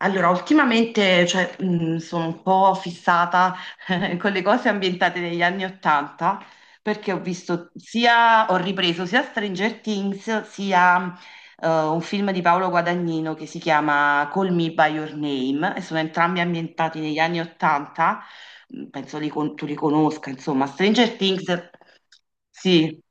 Allora, ultimamente, cioè, sono un po' fissata con le cose ambientate negli anni Ottanta, perché ho ripreso sia Stranger Things, sia un film di Paolo Guadagnino che si chiama Call Me by Your Name, e sono entrambi ambientati negli anni Ottanta. Penso tu li conosca, insomma, Stranger Things, sì.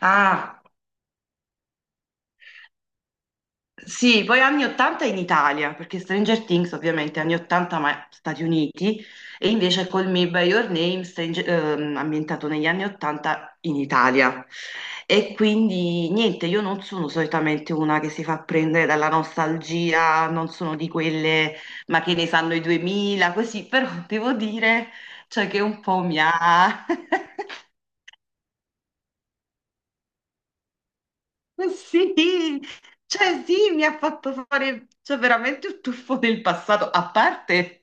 Ah, sì, poi anni 80 in Italia, perché Stranger Things ovviamente anni 80 ma Stati Uniti, e invece Call Me By Your Name, ambientato negli anni 80 in Italia. E quindi niente, io non sono solitamente una che si fa prendere dalla nostalgia, non sono di quelle "ma che ne sanno i 2000", così, però devo dire, cioè che un po' mi ha. Sì, cioè sì, mi ha fatto fare, cioè, veramente un tuffo nel passato. A parte,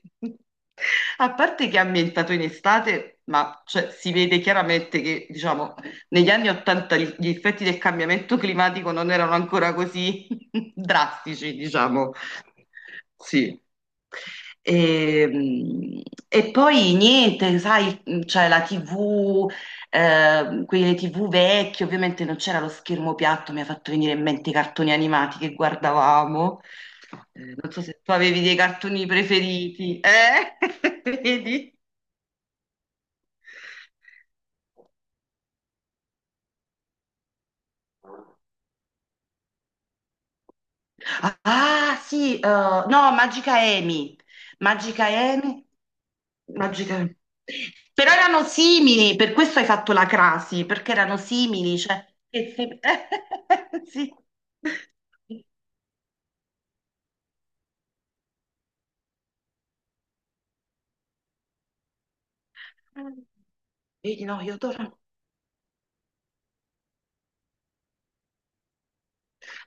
a parte che è ambientato in estate, ma, cioè, si vede chiaramente che, diciamo, negli anni Ottanta gli effetti del cambiamento climatico non erano ancora così drastici, diciamo. Sì. E, e poi niente, sai, c'è la TV, quelle TV vecchie, ovviamente non c'era lo schermo piatto, mi ha fatto venire in mente i cartoni animati che guardavamo. Non so se tu avevi dei cartoni preferiti, eh? Vedi? Ah, sì, no, Magica Amy. Magica Amy. Magica Amy. Però erano simili, per questo hai fatto la crasi, perché erano simili, cioè... che se- Sì. Vedi, no, io Doraemon.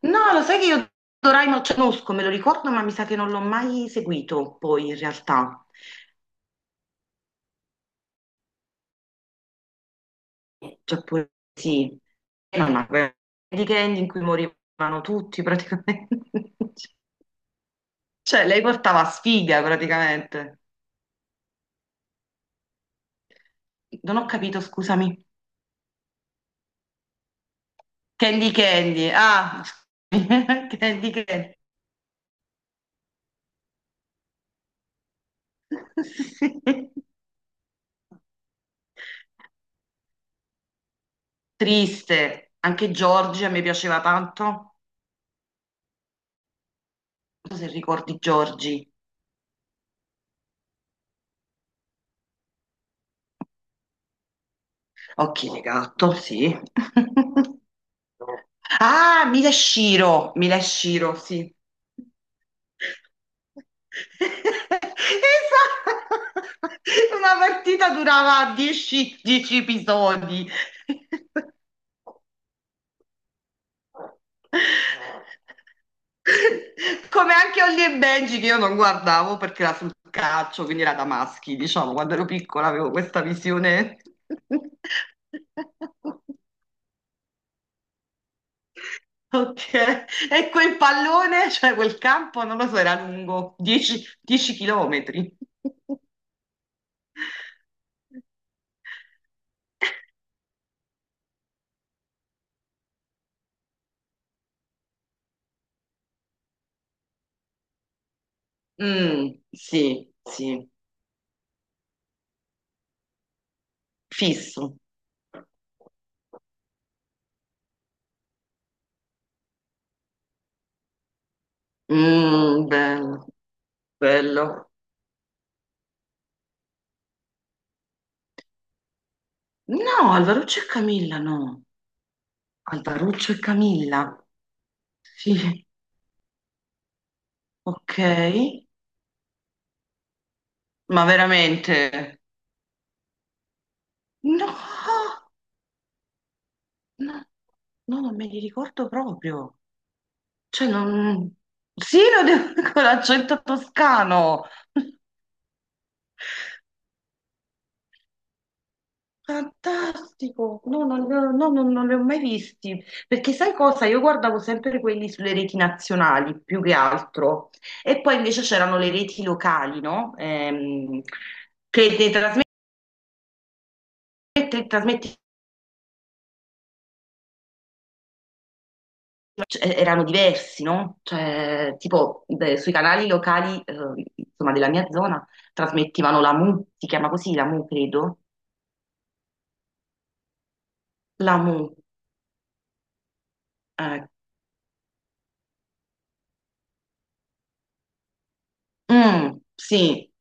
No, lo sai che io Doraemon, cioè, conosco, me lo ricordo, ma mi sa che non l'ho mai seguito, poi, in realtà. Cioè, poi, sì. No, no, quelle di Candy in cui morivano tutti, praticamente. Cioè, lei portava sfiga praticamente. Non ho capito, scusami. Candy Candy. Ah, Candy Candy. Triste. Anche Giorgi a me piaceva tanto. Non so se ricordi Giorgi. Occhi di gatto, sì. Ah, Mila e Shiro, sì. Esatto. Una partita durava 10 episodi. Come anche Holly e Benji che io non guardavo perché era sul calcio, quindi era da maschi, diciamo, quando ero piccola avevo questa visione. Ok, e quel pallone, cioè quel campo, non lo so, era lungo 10 chilometri. Mm, sì, sì, fisso. Mm, bello, bello. No, Alvaruccio e Camilla, no. Alvaruccio e Camilla. Sì, ok. Ma veramente? No, no, no, non me li ricordo proprio. Cioè, non. Sì, lo devo con l'accento toscano. Fantastico. No, non, no, no, no, non li ho mai visti. Perché sai cosa? Io guardavo sempre quelli sulle reti nazionali, più che altro. E poi invece c'erano le reti locali, no? Che ne trasmette- trasmette- cioè, erano diversi, no? Cioè, tipo, beh, sui canali locali, insomma, della mia zona, trasmettevano la Mu, si chiama così, la Mu, credo. La Mu. eh, Mm, sì,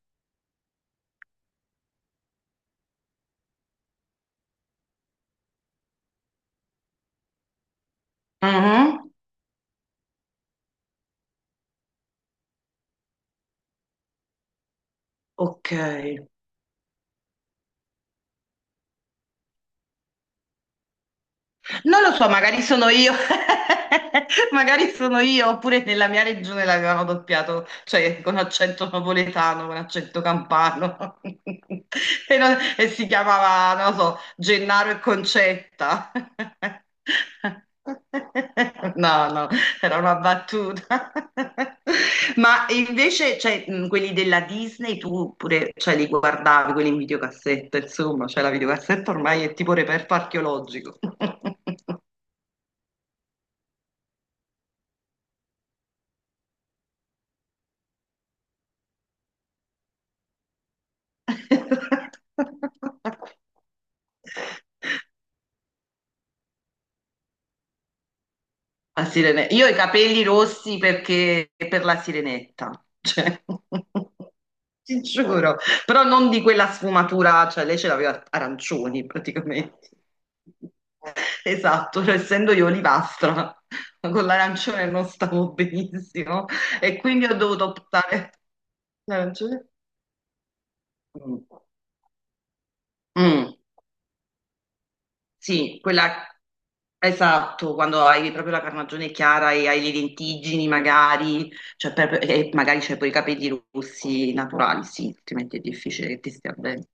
Mhm. Ok. Non lo so, magari sono io, magari sono io, oppure nella mia regione l'avevano doppiato, cioè con accento napoletano, con accento campano, e si chiamava, non lo so, Gennaro e Concetta. No, no. Era una battuta. Ma invece, cioè, quelli della Disney, tu pure, cioè, li guardavi, quelli in videocassetta, insomma, cioè la videocassetta ormai è tipo reperto archeologico. Io ho i capelli rossi perché per la sirenetta, cioè, ti giuro, però non di quella sfumatura, cioè lei ce l'aveva arancioni praticamente. Esatto, cioè, essendo io olivastra, con l'arancione non stavo benissimo e quindi ho dovuto optare. L'arancione? Mm. Mm. Sì, quella, esatto, quando hai proprio la carnagione chiara e hai le lentiggini magari, e magari c'hai poi i capelli rossi naturali, sì, altrimenti è difficile che ti stia bene.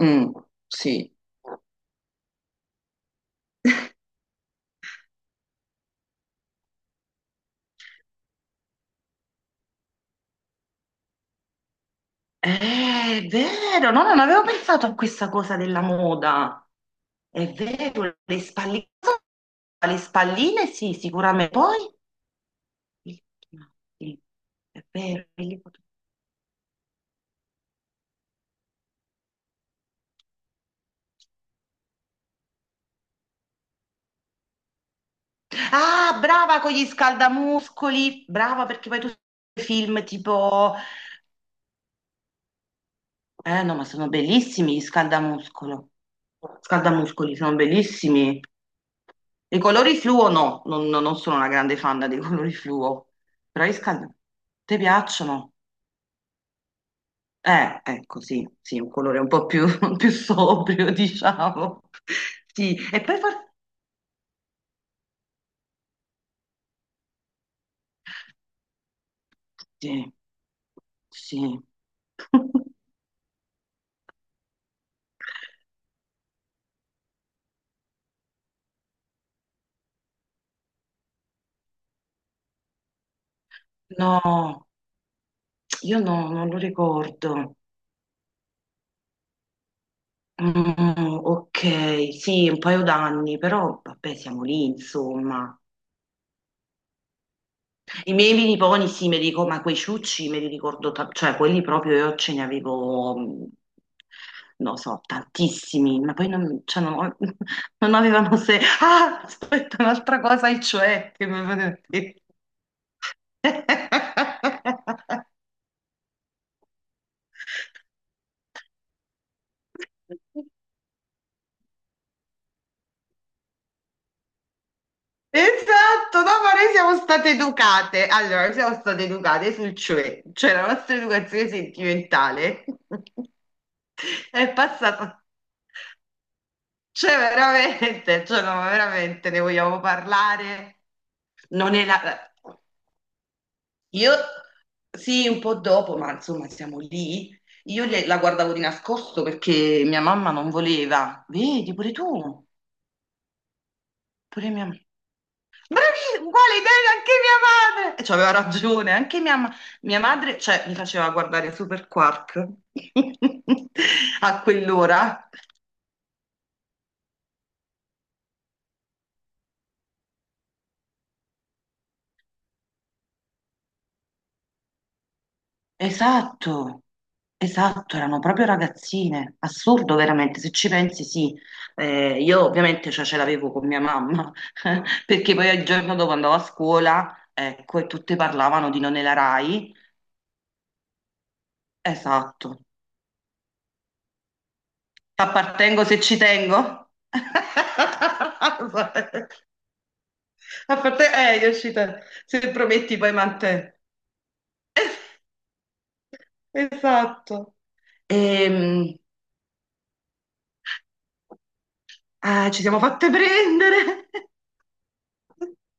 Mm, sì. Eh, È vero, no, non avevo pensato a questa cosa della moda. È vero, le spalline sì, sicuramente. Poi, il- sì, è vero. Ah, brava con gli scaldamuscoli, brava perché poi tu sai film tipo. Eh no, ma sono bellissimi gli scaldamuscolo. Scaldamuscoli sono bellissimi. I colori fluo no, non sono una grande fan dei colori fluo, però gli scaldamuscoli ti piacciono? Ecco, sì, sì, un colore un po' più, più sobrio, diciamo. Sì. Sì, sì. No, io no, non lo ricordo. Mm, ok, sì, un paio d'anni, però vabbè, siamo lì, insomma. I miei miniponi, sì, me li ricordo, ma quei ciucci me li ricordo, cioè quelli proprio io ce ne avevo, mm, non so, tantissimi, ma poi non, cioè, non, non avevano se... Ah, aspetta, un'altra cosa, e cioè, che mi avevano detto. Esatto, no, ma noi siamo state educate. Allora, noi siamo state educate sul cioè, cioè la nostra educazione sentimentale è passata. Cioè, veramente, cioè, no, ma veramente ne vogliamo parlare? Non è la. Io, sì, un po' dopo, ma insomma, siamo lì. Io la guardavo di nascosto perché mia mamma non voleva. Vedi, pure tu, pure mia mamma. Bravi, uguale idea anche mia madre! E c'aveva ragione, anche mia, mia madre, cioè, mi faceva guardare Super Quark a quell'ora. Esatto, esatto, erano proprio ragazzine. Assurdo, veramente, se ci pensi, sì. Io ovviamente, cioè, ce l'avevo con mia mamma, perché poi il giorno dopo andavo a scuola, ecco, e tutte parlavano di Non la Rai. Esatto. Appartengo se ci tengo. A parte, è uscita, se prometti poi mantè. Esatto. Ehm, ah, ci siamo fatte prendere.